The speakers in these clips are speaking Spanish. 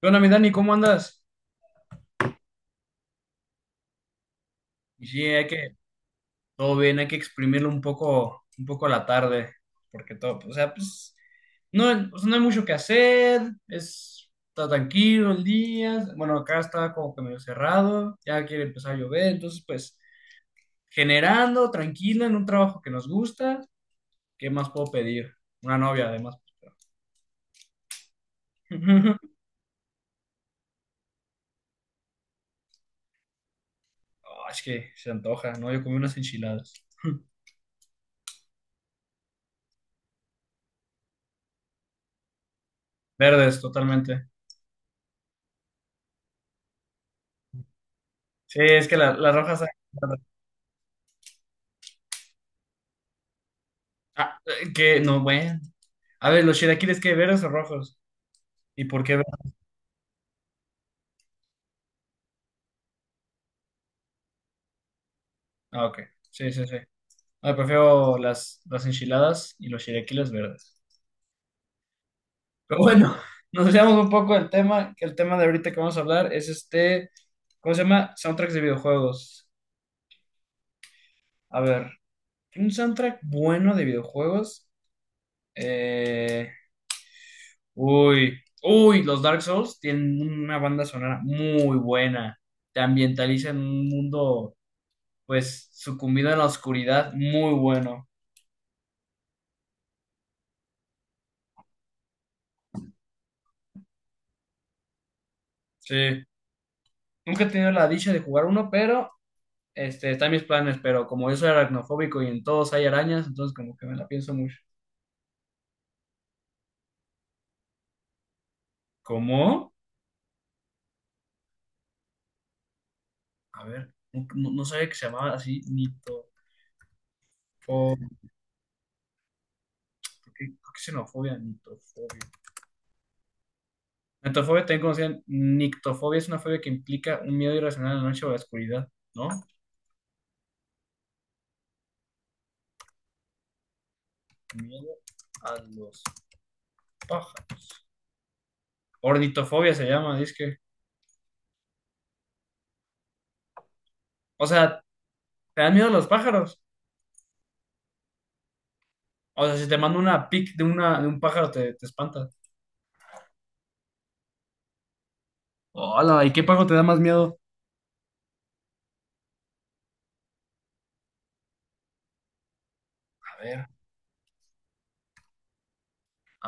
¿Qué onda, mi Dani? ¿Cómo andas? Y sí, hay que, todo bien, hay que exprimirlo un poco a la tarde, porque todo, o sea, pues, no, o sea, no hay mucho que hacer, es, está tranquilo el día, bueno, acá está como que medio cerrado, ya quiere empezar a llover, entonces, pues, generando, tranquilo, en un trabajo que nos gusta, ¿qué más puedo pedir? Una novia, además. Ah, es que se antoja, ¿no? Yo comí unas enchiladas, verdes, totalmente. Sí, es que las rojas. Ah, que no, bueno. A ver, ¿los chilaquiles qué? ¿Verdes o rojos? ¿Y por qué verdes? Ah, ok. Sí, sí, sí. Ah, prefiero las enchiladas y los chilaquiles verdes. Pero bueno, nos desviamos un poco del tema, que el tema de ahorita que vamos a hablar es este, ¿cómo se llama? Soundtracks de videojuegos. A ver, un soundtrack bueno de videojuegos. Eh, los Dark Souls tienen una banda sonora muy buena. Te ambientaliza en un mundo pues sucumbido en la oscuridad, muy bueno. Sí. Nunca he tenido la dicha de jugar uno, pero está en mis planes, pero como yo soy aracnofóbico y en todos hay arañas, entonces como que me la pienso mucho. ¿Cómo? A ver, no, no sabía que se llamaba así nitofobia. ¿Por por qué xenofobia? Nitofobia. Nitofobia también conocían. Nictofobia es una fobia que implica un miedo irracional a la noche o a la oscuridad, ¿no? Miedo a los pájaros. Ornitofobia se llama, dice que. O sea, ¿te dan miedo a los pájaros? O sea, si te mando una pic de, una, de un pájaro, te espanta. Hola, ¿y qué pájaro te da más miedo? A ver,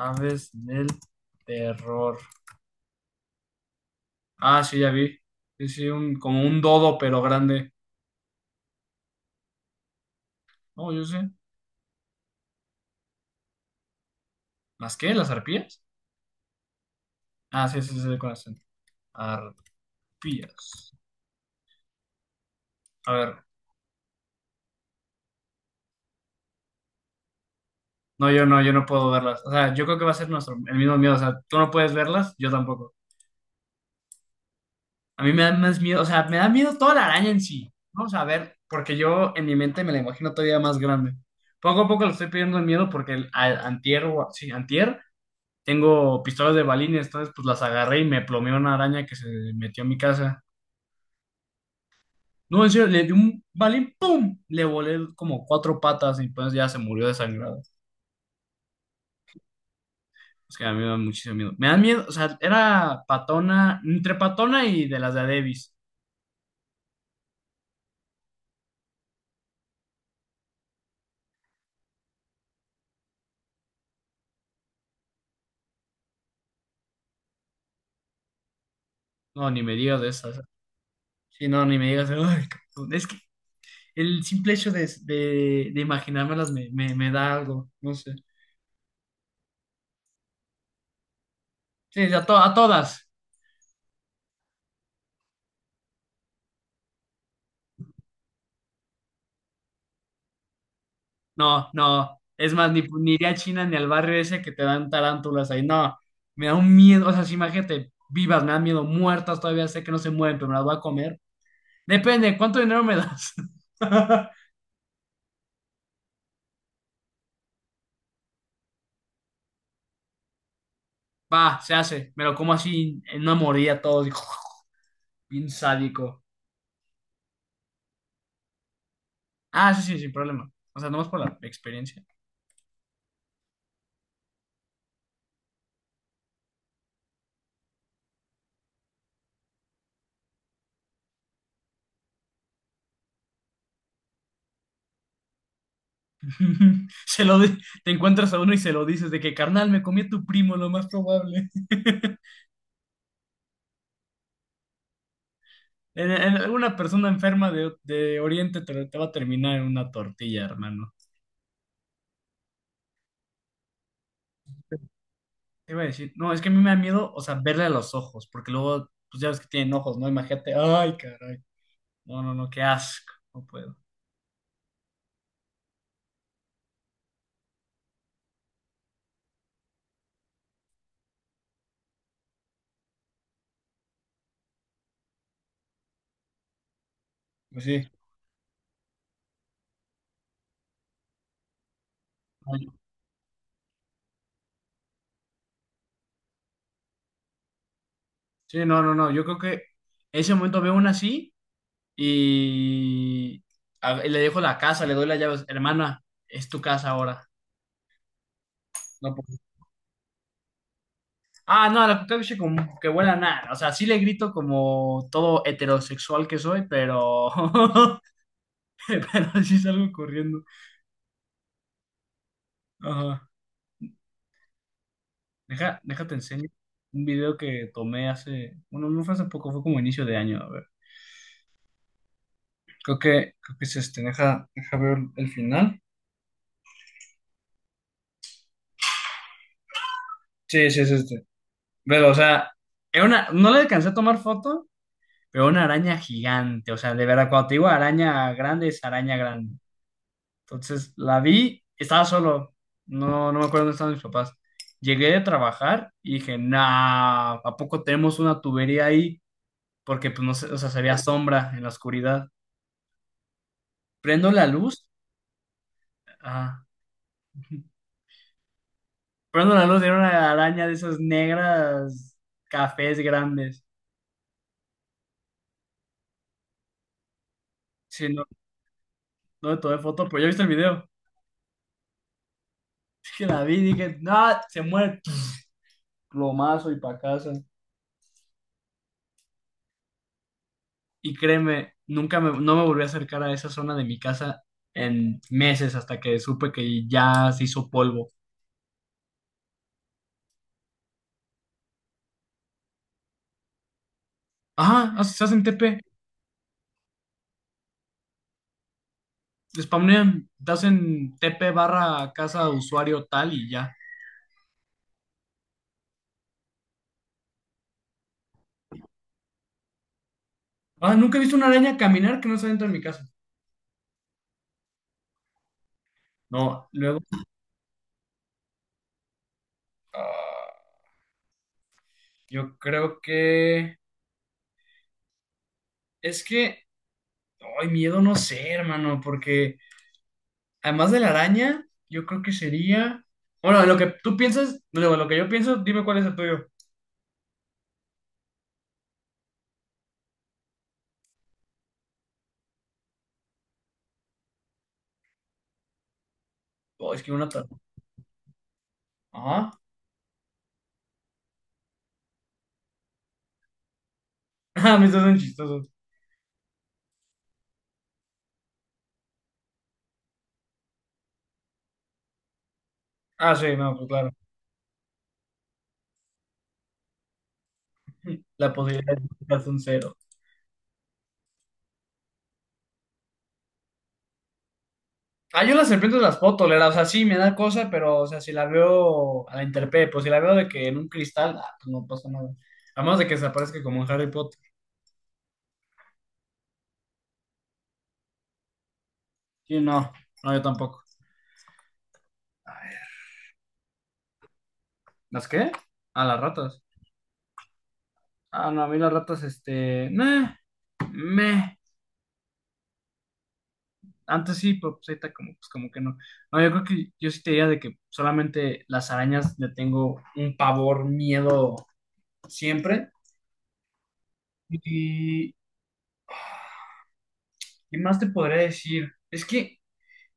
aves del terror. Ah, sí, ya vi. Sí, sí, un, como un dodo, pero grande. No, yo sé. ¿Las qué? ¿Las arpías? Ah, sí, sí, sí, con acento. Arpías. A ver. No, yo no, yo no puedo verlas. O sea, yo creo que va a ser nuestro, el mismo miedo. O sea, tú no puedes verlas, yo tampoco. A mí me da más miedo, o sea, me da miedo toda la araña en sí. Vamos a ver, porque yo en mi mente me la imagino todavía más grande. Poco a poco le estoy pidiendo el miedo porque el, antier, sí, antier, tengo pistolas de balines, entonces pues las agarré y me plomeó una araña que se metió en mi casa. No, en serio, le di un balín, ¡pum! Le volé como cuatro patas y pues ya se murió desangrado. Es que a mí me da muchísimo miedo. Me da miedo, o sea, era patona, entre patona y de las de Adebis. No, ni me digas de esas. Sí, no, ni me digas, "Ay, cabrón". Es que el simple hecho de, imaginármelas me da algo, no sé. Sí, a, a todas. No, no. Es más, ni, ni iría a China ni al barrio ese que te dan tarántulas ahí. No, me da un miedo. O sea, si imagínate, vivas, me dan miedo, muertas, todavía sé que no se mueven, pero me las voy a comer. Depende, ¿cuánto dinero me das? Va, se hace. Me lo como así en una mordida todo, así, bien sádico. Ah, sí, sí, sin problema. O sea, nomás por la experiencia. Se lo di- Te encuentras a uno y se lo dices de que, carnal, me comí a tu primo, lo más probable. Alguna persona enferma de Oriente te, te va a terminar en una tortilla, hermano. Te iba a decir, no, es que a mí me da miedo, o sea, verle a los ojos, porque luego, pues ya ves que tienen ojos, ¿no? Imagínate, ay, caray. No, no, no, qué asco, no puedo. Pues sí, ay, sí, no, no, no, yo creo que ese momento veo una así y, y le dejo la casa, le doy las llaves, hermana, es tu casa ahora. No. Ah, no, la cucaracha como que huele a nada. O sea, sí le grito como todo heterosexual que soy, pero. Pero sí salgo corriendo. Ajá. Deja, déjate enseño un video que tomé hace. Bueno, no fue hace poco, fue como inicio de año. A ver. Creo que es este. Deja, deja ver el final. Sí, sí, es este. Pero, o sea, era una. No le alcancé a tomar foto, pero una araña gigante. O sea, de verdad, cuando te digo araña grande, es araña grande. Entonces la vi, estaba solo, no, no me acuerdo dónde estaban mis papás. Llegué de trabajar y dije, nah, ¿a poco tenemos una tubería ahí? Porque pues no sé, o sea, se veía sombra en la oscuridad. Prendo la luz, ah, Prendo la luz, era una araña de esas negras cafés grandes. Sí, no, no le tomé foto, pero ya viste el video. Dije, la vi, dije, nah, se muere. Pff, plomazo y pa' casa. Y créeme, nunca me, no me volví a acercar a esa zona de mi casa en meses hasta que supe que ya se hizo polvo. Ajá, ah, se hacen TP, spawnean, te hacen TP barra casa usuario tal y ya. Ah, nunca he visto una araña caminar que no está dentro de mi casa. No, luego, ah, yo creo que es que, ay, miedo no sé, hermano, porque además de la araña, yo creo que sería, bueno, lo que tú piensas, luego lo que yo pienso, dime cuál es el tuyo. Oh, es que una ajá. Ah, me son chistosos. Ah, sí, no, pues claro. La posibilidad de quitarse un cero. Ah, yo las serpientes las puedo tolerar, o sea, sí me da cosa, pero, o sea, si la veo a la interpe, pues si la veo de que en un cristal, ah, pues no pasa nada. A menos de que se aparezca como en Harry Potter. Sí, no, no, yo tampoco. ¿Las qué? Ah, las ratas. Ah, no, a mí las ratas, este, meh, meh. Antes sí, pero pues ahorita como, pues como que no. No, yo creo que yo sí te diría de que solamente las arañas le tengo un pavor, miedo siempre. Y, ¿qué más te podría decir? Es que,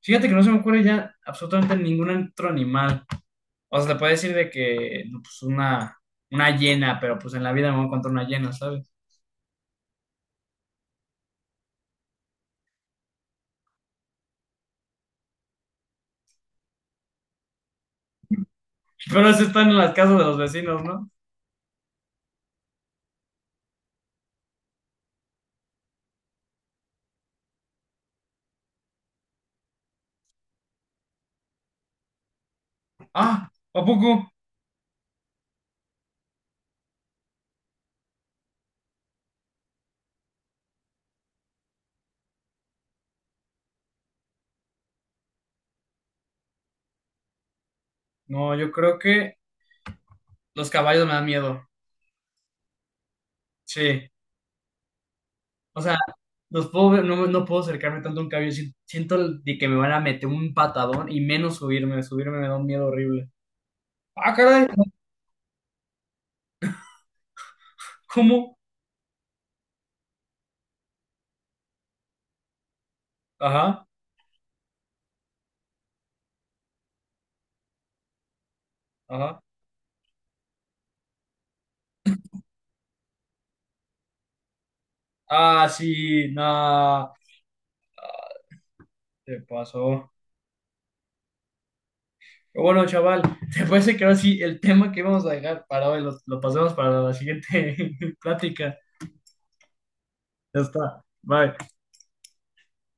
fíjate que no se me ocurre ya absolutamente ningún otro animal. O sea, te puede decir de que, no, pues una hiena, pero pues en la vida me voy a encontrar una hiena, ¿sabes? Pero eso están en las casas de los vecinos, ¿no? Ah, ¿a poco? No, yo creo que los caballos me dan miedo. Sí. O sea, no, no puedo acercarme tanto a un caballo. Siento de que me van a meter un patadón y menos subirme. Subirme me da un miedo horrible. Ah, caray, ¿cómo? Ajá, ajá. Ah, sí, nada, te pasó. Pero bueno, chaval, ¿te parece que ahora sí el tema que vamos a dejar para hoy lo pasemos para la siguiente plática? Ya está, bye.